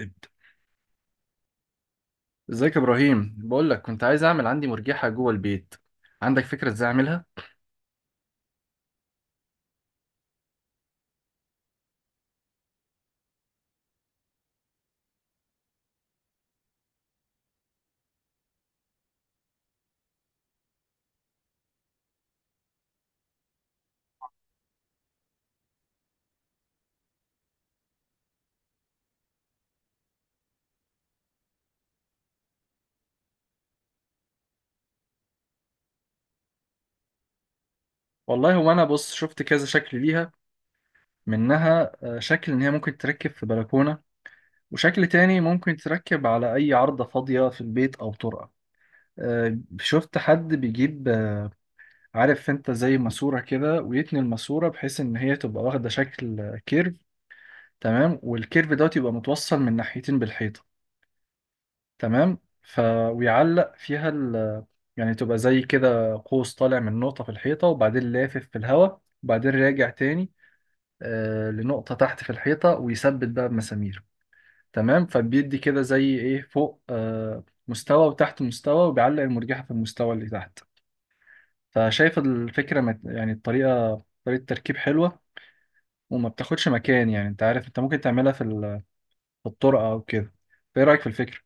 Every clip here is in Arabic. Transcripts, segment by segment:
ابدأ. ازيك يا ابراهيم؟ بقول لك كنت عايز اعمل عندي مرجحه جوه البيت. عندك فكره ازاي اعملها؟ والله هو انا بص شفت كذا شكل ليها، منها شكل ان هي ممكن تركب في بلكونه. وشكل تاني ممكن تركب على اي عارضه فاضيه في البيت او طرقه. شفت حد بيجيب، عارف انت زي ماسوره كده ويتني الماسوره بحيث ان هي تبقى واخده شكل كيرف. تمام، والكيرف دوت يبقى متوصل من ناحيتين بالحيطه. تمام، ويعلق فيها يعني تبقى زي كده قوس طالع من نقطة في الحيطة، وبعدين لافف في الهواء، وبعدين راجع تاني، لنقطة تحت في الحيطة، ويثبت بقى بمسامير. تمام، فبيدي كده زي ايه، فوق مستوى وتحت مستوى، وبيعلق المرجحة في المستوى اللي تحت. فشايف الفكرة يعني الطريقة طريقة تركيب حلوة. وما بتاخدش مكان، يعني انت عارف انت ممكن تعملها في في الطرقة او كده. فايه رأيك في الفكرة؟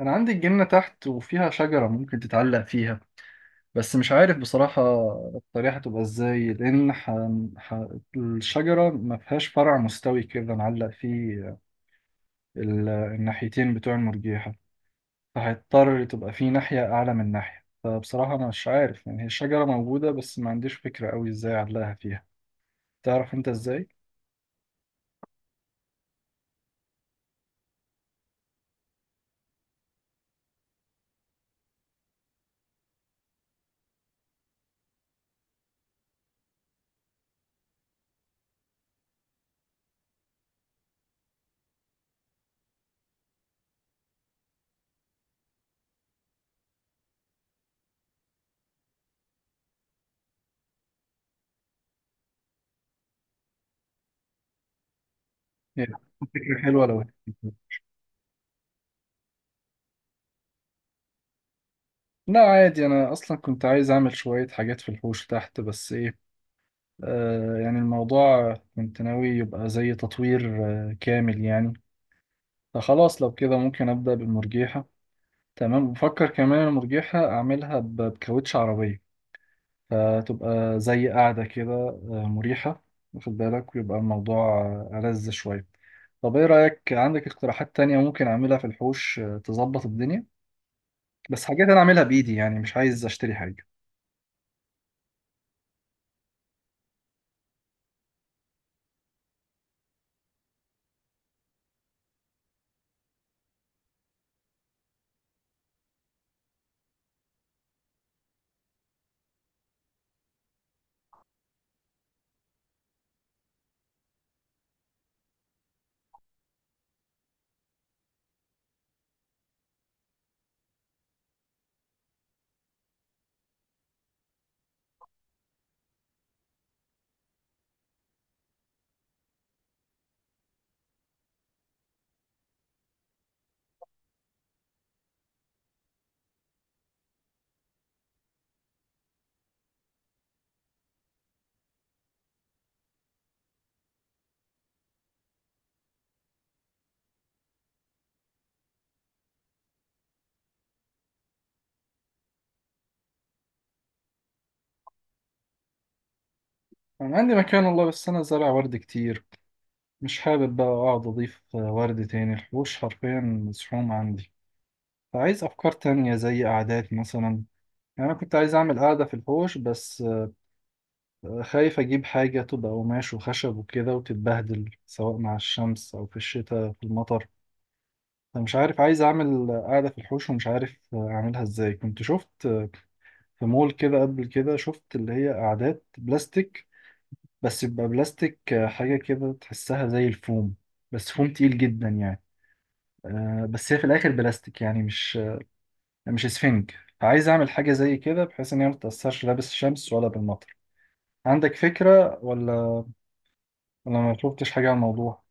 انا عندي الجنة تحت وفيها شجرة ممكن تتعلق فيها. بس مش عارف بصراحة الطريقة هتبقى ازاي، لأن ح... الشجرة ما فيهاش فرع مستوي كده نعلق فيه الناحيتين بتوع المرجيحة. فهيضطر تبقى فيه ناحية أعلى من ناحية. فبصراحة أنا مش عارف، يعني هي الشجرة موجودة بس ما عنديش فكرة أوي ازاي أعلقها فيها. تعرف أنت ازاي؟ هي فكرة حلوة لو لا، عادي، أنا أصلا كنت عايز أعمل شوية حاجات في الحوش تحت، بس إيه، يعني الموضوع كنت ناوي يبقى زي تطوير كامل يعني. فخلاص لو كده ممكن أبدأ بالمرجيحة. تمام، بفكر كمان المرجيحة أعملها بكاوتش عربية. فتبقى زي قاعدة كده مريحة. واخد بالك، ويبقى الموضوع ألذ شوية. طب إيه رأيك؟ عندك اقتراحات تانية ممكن أعملها في الحوش تظبط الدنيا؟ بس حاجات أنا أعملها بإيدي، يعني مش عايز أشتري حاجة. أنا عندي مكان والله، بس أنا زارع ورد كتير. مش حابب بقى أقعد أضيف ورد تاني. الحوش حرفيا مزحوم عندي. فعايز أفكار تانية زي قعدات مثلا. يعني أنا كنت عايز أعمل قعدة في الحوش بس، خايف أجيب حاجة تبقى قماش وخشب وكده وتتبهدل، سواء مع الشمس أو في الشتاء في المطر. فمش عارف، عايز أعمل قعدة في الحوش ومش عارف أعملها إزاي. كنت شفت في مول كده قبل كده شفت اللي هي قعدات بلاستيك. بس يبقى بلاستيك حاجة كده تحسها زي الفوم. بس فوم تقيل جدا يعني. بس هي في الآخر بلاستيك يعني مش مش اسفنج. فعايز أعمل حاجة زي كده بحيث إن هي ما تتأثرش لا بالشمس ولا بالمطر. عندك فكرة ولا ما شفتش حاجة عن الموضوع؟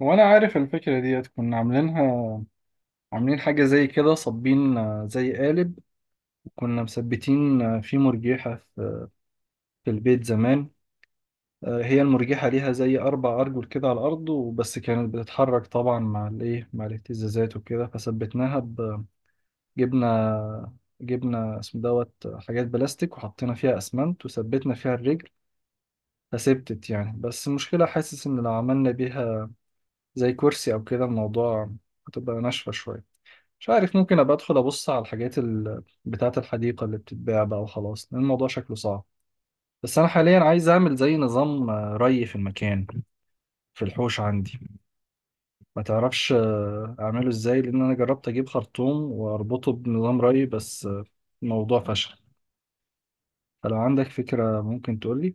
وأنا عارف الفكرة ديت كنا عاملينها. عاملين حاجة زي كده صابين زي قالب. كنا مثبتين فيه مرجيحة في البيت زمان. هي المرجيحة ليها زي أربع أرجل كده على الأرض وبس، كانت بتتحرك طبعا مع مع الاهتزازات وكده، فثبتناها جبنا جبنا اسمه دوت حاجات بلاستيك، وحطينا فيها أسمنت وثبتنا فيها الرجل. فثبتت يعني، بس المشكلة حاسس إن لو عملنا بيها زي كرسي او كده الموضوع هتبقى ناشفه شويه. مش عارف، ممكن ابقى ادخل ابص على الحاجات بتاعه الحديقه اللي بتتباع بقى وخلاص، لان الموضوع شكله صعب. بس انا حاليا عايز اعمل زي نظام ري في المكان، في الحوش عندي. ما تعرفش اعمله ازاي؟ لان انا جربت اجيب خرطوم واربطه بنظام ري، بس الموضوع فشل. فلو عندك فكره ممكن تقولي.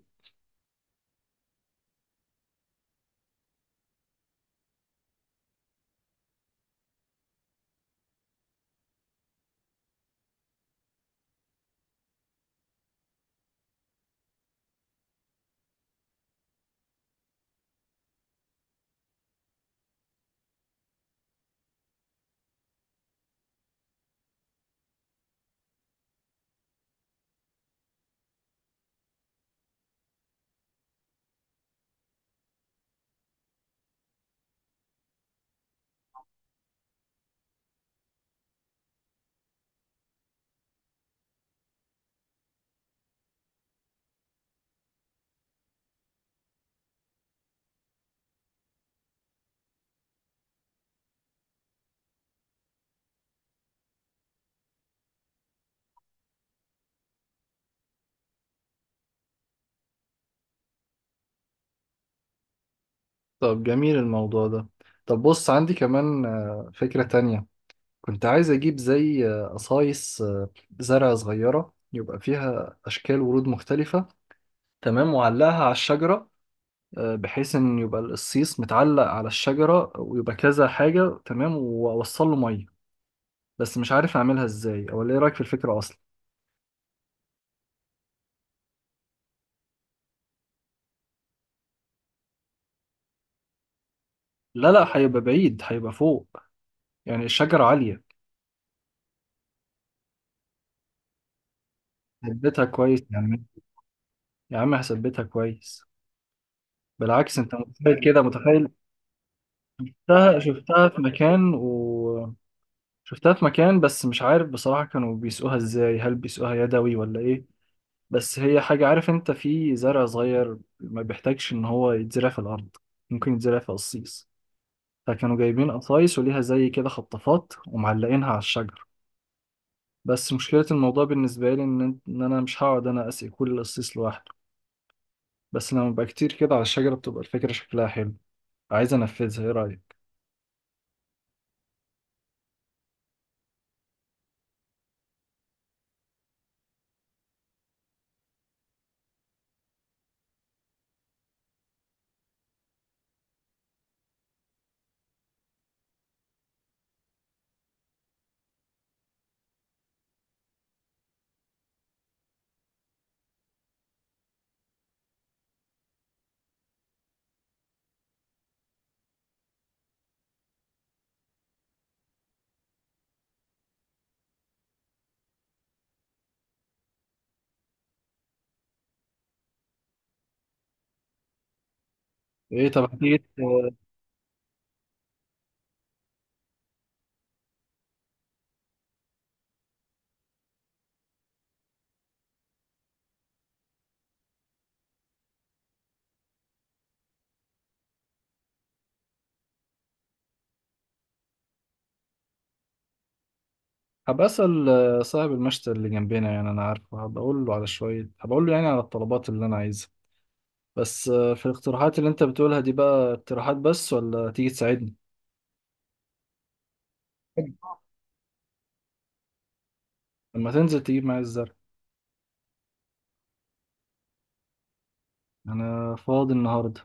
طب جميل الموضوع ده. طب بص عندي كمان فكره تانية. كنت عايز أجيب زي قصايص زرع صغيرة يبقى فيها أشكال ورود مختلفة. تمام، وعلقها على الشجرة بحيث إن يبقى القصيص متعلق على الشجرة ويبقى كذا حاجة، تمام، وأوصل له مية. بس مش عارف أعملها إزاي، أو إيه رأيك في الفكرة أصلا؟ لا، لا، هيبقى بعيد، هيبقى فوق، يعني الشجرة عالية. ثبتها كويس يا عم. يا عم، هثبتها كويس. بالعكس، أنت متخيل كده، متخيل. شفتها في مكان، و شفتها في مكان، بس مش عارف بصراحة كانوا بيسقوها ازاي، هل بيسقوها يدوي ولا ايه. بس هي حاجة، عارف انت، في زرع صغير ما بيحتاجش ان هو يتزرع في الارض. ممكن يتزرع في قصيص. فكانوا جايبين قصايص وليها زي كده خطافات ومعلقينها على الشجر. بس مشكلة الموضوع بالنسبة لي ان انا مش هقعد انا اسقي كل قصيص لوحده. بس لما بقى كتير كده على الشجرة بتبقى الفكرة شكلها حلو. عايز انفذها، ايه رأيك؟ ايه طب، هتيجي؟ هبقى أسأل صاحب المشتى اللي جنبنا، يعني أنا عارفه، هبقى أقول له على شوية، هبقى أقول له يعني على الطلبات اللي أنا عايزها. بس في الاقتراحات اللي أنت بتقولها دي، بقى اقتراحات بس ولا تيجي تساعدني؟ حلو. لما تنزل تجيب معايا الزرع. أنا فاضي النهاردة.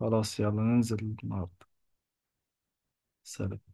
خلاص، يلا ننزل النهاردة. سلام.